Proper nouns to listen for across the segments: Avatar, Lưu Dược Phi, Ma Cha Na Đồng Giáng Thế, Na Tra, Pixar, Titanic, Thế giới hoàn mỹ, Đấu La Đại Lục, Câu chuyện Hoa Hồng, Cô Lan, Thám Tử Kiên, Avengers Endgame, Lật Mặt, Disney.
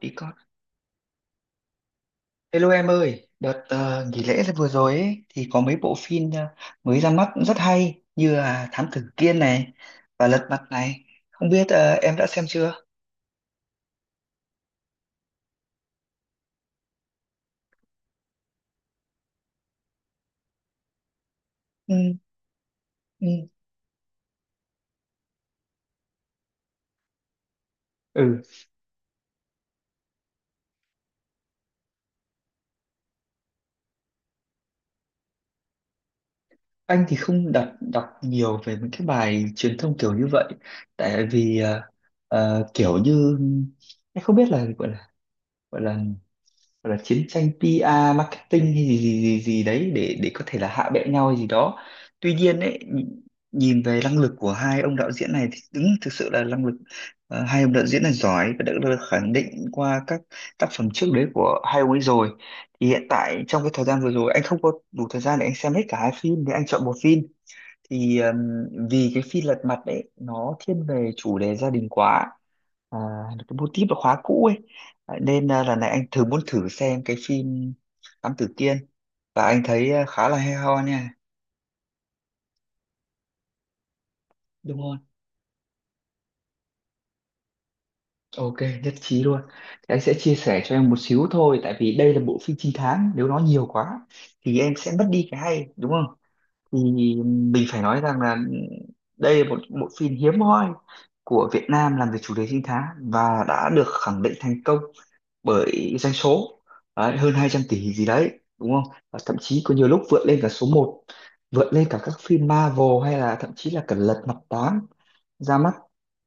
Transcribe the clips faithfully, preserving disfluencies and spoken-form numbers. Đi con. Hello em ơi, đợt ờ, nghỉ lễ vừa rồi ấy, thì có mấy bộ phim ờ, mới ra mắt cũng rất hay như là Thám Tử Kiên này và Lật Mặt này. Không biết ờ, em đã xem chưa? Ừ, ừ. Ừ, anh thì không đọc đọc nhiều về những cái bài truyền thông kiểu như vậy, tại vì ờ, ờ, kiểu như anh không biết là gọi là gọi là gọi là chiến tranh pi a marketing hay gì gì gì gì đấy để để có thể là hạ bệ nhau hay gì đó. Tuy nhiên ấy nhìn nhìn về năng lực của hai ông đạo diễn này thì đúng thực sự là năng lực, ờ, hai ông đạo diễn này giỏi và đã được khẳng định qua các tác phẩm trước đấy của hai ông ấy rồi. Thì hiện tại trong cái thời gian vừa rồi anh không có đủ thời gian để anh xem hết cả hai phim thì anh chọn một phim, thì um, vì cái phi lật mặt đấy nó thiên về chủ đề gia đình quá, à, cái mô típ là khóa cũ ấy. À, nên à, lần này anh thử muốn thử xem cái phim Thám Tử Kiên, và anh thấy à, khá là hay ho nha, đúng không? Ok, nhất trí luôn, thì anh sẽ chia sẻ cho em một xíu thôi, tại vì đây là bộ phim trinh thám nếu nó nhiều quá thì em sẽ mất đi cái hay, đúng không? Thì mình phải nói rằng là đây là một bộ phim hiếm hoi của Việt Nam làm về chủ đề trinh thám và đã được khẳng định thành công bởi doanh số đấy, hơn hai trăm tỷ gì đấy, đúng không? Và thậm chí có nhiều lúc vượt lên cả số một, vượt lên cả các phim Marvel hay là thậm chí là cả Lật Mặt tám ra mắt.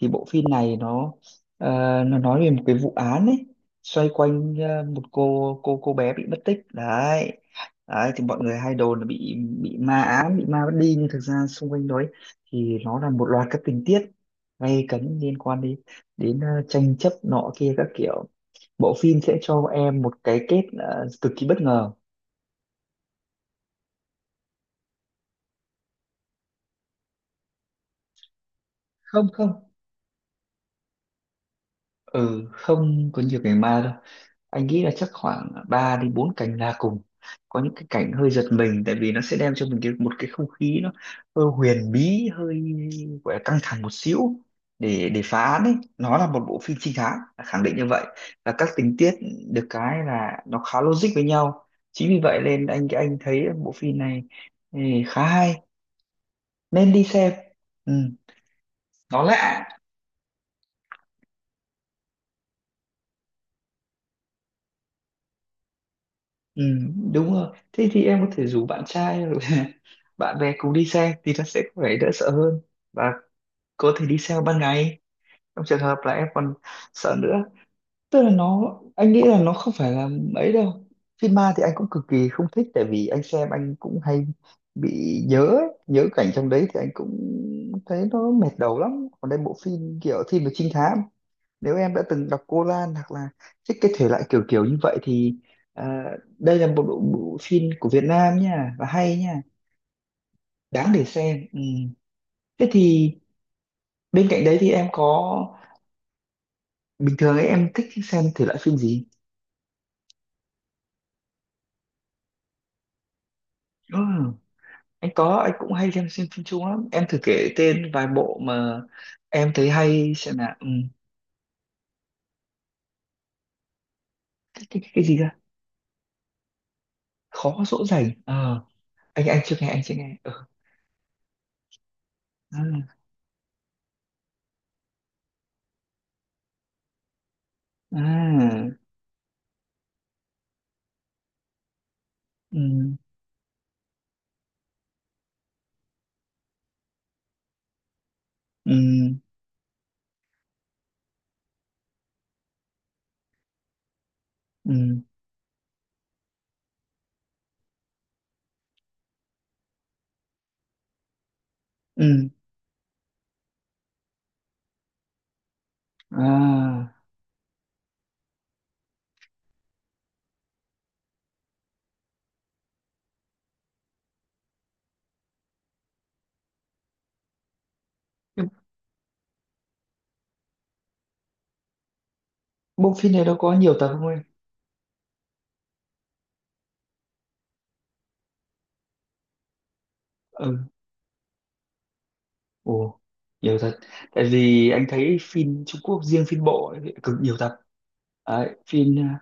Thì bộ phim này nó, ờ, nó nói về một cái vụ án ấy, xoay quanh ờ, một cô cô cô bé bị mất tích đấy. Đấy thì mọi người hay đồn là bị bị ma ám, bị ma bắt đi, nhưng thực ra xung quanh đấy thì nó là một loạt các tình tiết gay cấn liên quan đến đến ờ, tranh chấp nọ kia các kiểu. Bộ phim sẽ cho em một cái kết ờ, cực kỳ bất ngờ. Không không, ừ, không có nhiều cảnh ma đâu. Anh nghĩ là chắc khoảng ba đến bốn cảnh là cùng, có những cái cảnh hơi giật mình tại vì nó sẽ đem cho mình cái, một cái không khí nó hơi huyền bí, hơi gọi là căng thẳng một xíu để để phá án ấy. Nó là một bộ phim trinh thám, khẳng định như vậy. Và các tình tiết được cái là nó khá logic với nhau, chính vì vậy nên anh anh thấy bộ phim này, ừ, khá hay, nên đi xem. Ừ, nó lạ. Ừ, đúng rồi. Thế thì em có thể rủ bạn trai rồi bạn bè cùng đi xe thì nó sẽ có vẻ đỡ sợ hơn, và có thể đi xe ban ngày trong trường hợp là em còn sợ nữa. Tức là nó, anh nghĩ là nó không phải là ấy đâu. Phim ma thì anh cũng cực kỳ không thích, tại vì anh xem anh cũng hay bị nhớ ấy, nhớ cảnh trong đấy thì anh cũng thấy nó mệt đầu lắm. Còn đây bộ phim kiểu phim về trinh thám, nếu em đã từng đọc Cô Lan hoặc là thích cái thể loại kiểu kiểu như vậy thì à, đây là một bộ, bộ phim của Việt Nam nha, và hay nha, đáng để xem. Ừ, thế thì bên cạnh đấy thì em có, bình thường ấy em thích xem thể loại phim gì? Ừ, anh có, anh cũng hay xem xem phim Trung lắm, em thử kể tên vài bộ mà em thấy hay xem nào. Ừ, cái, cái, cái gì ra? Khó dỗ dành, ờ, anh anh chưa nghe, anh chưa nghe. Ừ, à, à. Ừ. Ừ. Ừ. Ừ, à. Nhưng bộ phim này đâu có nhiều tập không em? Ừ, ồ, nhiều thật. Tại vì anh thấy phim Trung Quốc riêng phim bộ ấy, cực nhiều tập. Đấy, phim à,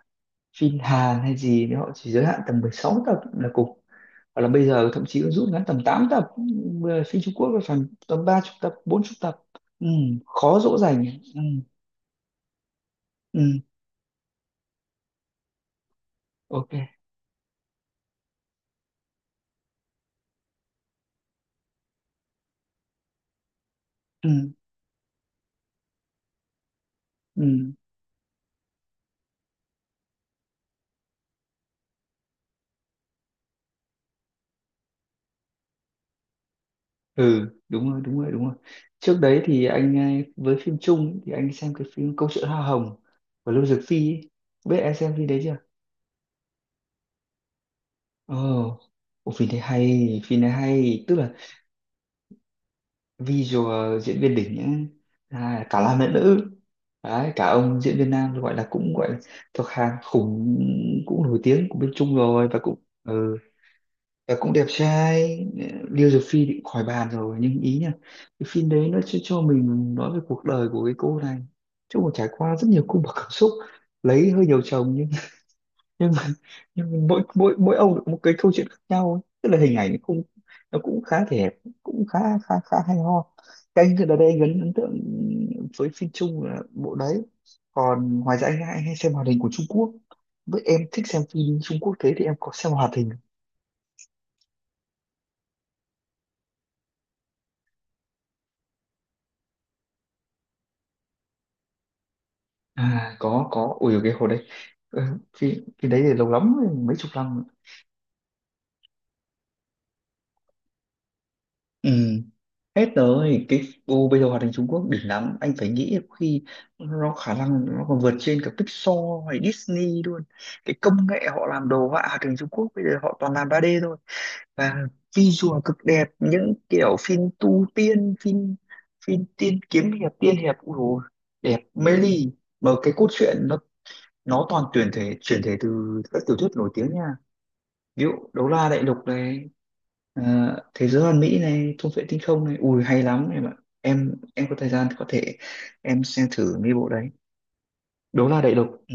phim Hàn hay gì thì họ chỉ giới hạn tầm mười sáu tập là cùng, hoặc là bây giờ thậm chí nó rút ngắn tầm tám tập. Ừ, phim Trung Quốc là phải tầm ba chục tập bốn chục tập. Ừ, khó dỗ dành. Ừ, ừ, ok, ừ, ừ. Ừ, đúng rồi, đúng rồi, đúng rồi. Trước đấy thì anh ấy, với phim Trung ấy, thì anh xem cái phim Câu chuyện Hoa Hồng của Lưu Dược Phi ấy. Biết em xem phim đấy chưa? Ồ, oh, phim đấy hay, phim này hay, tức là visual diễn viên đỉnh ấy. À, cả nam lẫn nữ, đấy cả ông diễn viên nam gọi là cũng gọi là thuộc hàng khủng, cũng nổi tiếng của bên Trung rồi, và cũng ừ, và cũng đẹp trai. Liêu Dược Phi thì cũng khỏi bàn rồi nhưng ý nha, cái phim đấy nó cho, cho mình nói về cuộc đời của cái cô này, chứ mà trải qua rất nhiều cung bậc cảm xúc, lấy hơi nhiều chồng nhưng nhưng mà, nhưng mà mỗi mỗi mỗi ông lại có một cái câu chuyện khác nhau ấy. Tức là hình ảnh nó không, nó cũng khá thể đẹp, cũng khá khá khá hay ho. Cái anh ở đây anh ấn ấn tượng với phim Trung là bộ đấy. Còn ngoài ra anh hay, hay xem hoạt hình của Trung Quốc. Với em thích xem phim Trung Quốc thế thì em có xem hoạt hình? À, có có ui cái hồi đấy, ờ, phim phim đấy thì lâu lắm rồi, mấy chục năm. Ừ. Hết rồi cái, ô bây giờ hoạt hình Trung Quốc đỉnh lắm, anh phải nghĩ có khi nó khả năng nó còn vượt trên cả Pixar hay Disney luôn. Cái công nghệ họ làm đồ họa hoạt hình Trung Quốc bây giờ họ toàn làm ba đê thôi, và visual cực đẹp, những kiểu phim tu tiên, phim phim tiên kiếm hiệp, tiên hiệp, ui dồi, đẹp mê ly, mà cái cốt truyện nó nó toàn tuyển thể chuyển thể từ các tiểu thuyết nổi tiếng nha, ví dụ Đấu La Đại Lục này, à, thế giới hoàn mỹ này, thung vệ tinh không này, ui hay lắm em ạ. Em em có thời gian thì có thể em xem thử mấy bộ đấy, đấu la đại lục. Ừ.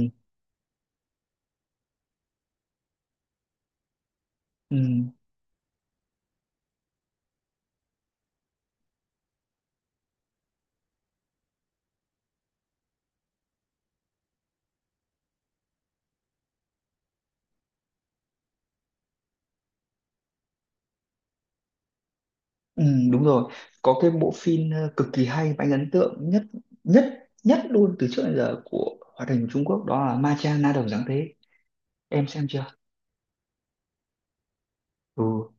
Ừ. Ừ, đúng rồi, có cái bộ phim ờ, cực kỳ hay và anh ấn tượng nhất nhất nhất luôn từ trước đến giờ của hoạt hình Trung Quốc, đó là Ma Cha Na Đồng Giáng Thế, em xem chưa? Ừ.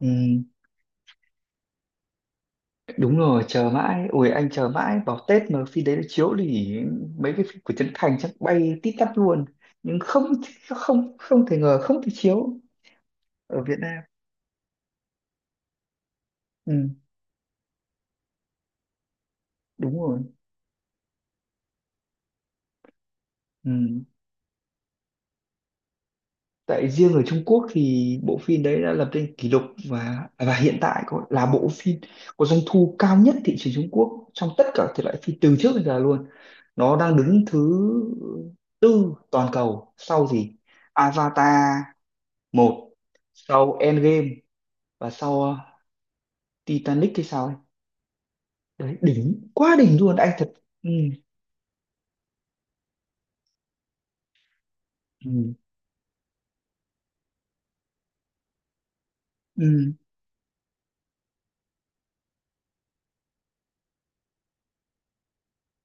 Ừ, đúng rồi, chờ mãi, ui anh chờ mãi vào Tết mà phim đấy nó chiếu thì mấy cái phim của Trấn Thành chắc bay tít tắp luôn, nhưng không, không, không thể ngờ, không thể chiếu ở Việt Nam. Ừ, đúng rồi, ừ. Tại riêng ở Trung Quốc thì bộ phim đấy đã lập nên kỷ lục, và và hiện tại có, là bộ phim có doanh thu cao nhất thị trường Trung Quốc trong tất cả thể loại phim từ trước đến giờ luôn. Nó đang đứng thứ tư toàn cầu sau gì, Avatar một, sau Endgame, và sau ờ, Titanic hay sao ấy, đấy đỉnh quá đỉnh luôn anh thật. Ừ. Ừ. Ừ.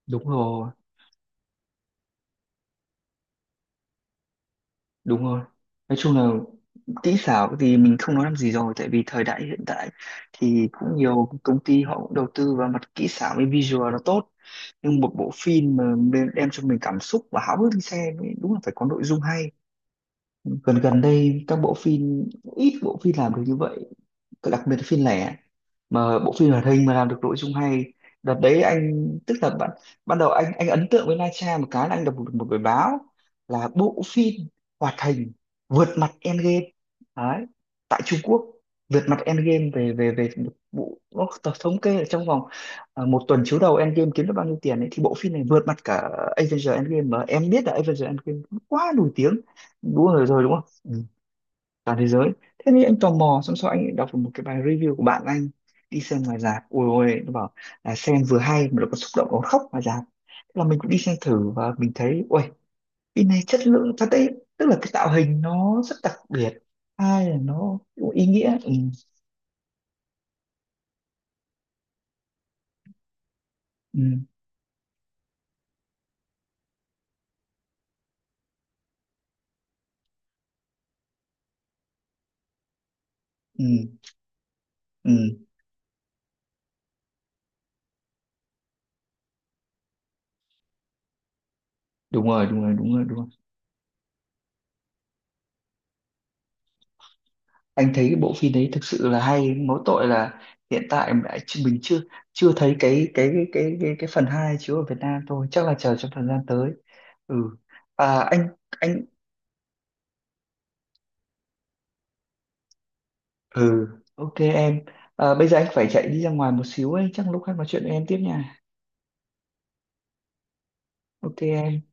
Đúng rồi, đúng rồi. Nói chung là kỹ xảo thì mình không nói làm gì rồi, tại vì thời đại hiện tại thì cũng nhiều công ty họ cũng đầu tư vào mặt kỹ xảo với visual nó tốt, nhưng một bộ phim mà đem đem cho mình cảm xúc và háo hức đi xem ấy, đúng là phải có nội dung hay. Gần Gần đây các bộ phim, ít bộ phim làm được như vậy, đặc biệt là phim lẻ, mà bộ phim hoạt hình mà làm được nội dung hay. Đợt đấy anh tức là bạn, ban đầu anh anh ấn tượng với Na Tra một cái là anh đọc một, một bài báo là bộ phim hoạt hình vượt mặt Endgame đấy, tại Trung Quốc, vượt mặt Endgame về về về bộ, nó t- thống kê là trong vòng à, một tuần chiếu đầu Endgame kiếm được bao nhiêu tiền ấy, thì bộ phim này vượt mặt cả Avengers Endgame, mà em biết là Avengers Endgame quá nổi tiếng, đúng rồi rồi đúng không? Ừ, toàn thế giới. Thế thì anh tò mò, xong sau anh đọc được một cái bài review của bạn anh đi xem ngoài rạp, ôi ôi nó bảo là xem vừa hay mà nó còn xúc động, nó khóc ngoài rạp, thế là mình cũng đi xem thử và mình thấy ôi phim này chất lượng thật đấy. Tức là cái tạo hình nó rất đặc biệt, hai là nó cũng ý nghĩa. Ừ, ừ, ừ, ừ. Đúng rồi, đúng rồi, đúng rồi, đúng rồi. Anh thấy cái bộ phim đấy thực sự là hay, mỗi tội là hiện tại mình đã- mình chưa, chưa thấy cái cái cái cái cái, cái phần hai chiếu ở Việt Nam thôi, chắc là chờ trong thời gian tới. Ừ, à anh anh ừ, ok em. À, bây giờ anh phải chạy đi ra ngoài một xíu ấy, chắc lúc khác nói chuyện với em tiếp nha. Ok em.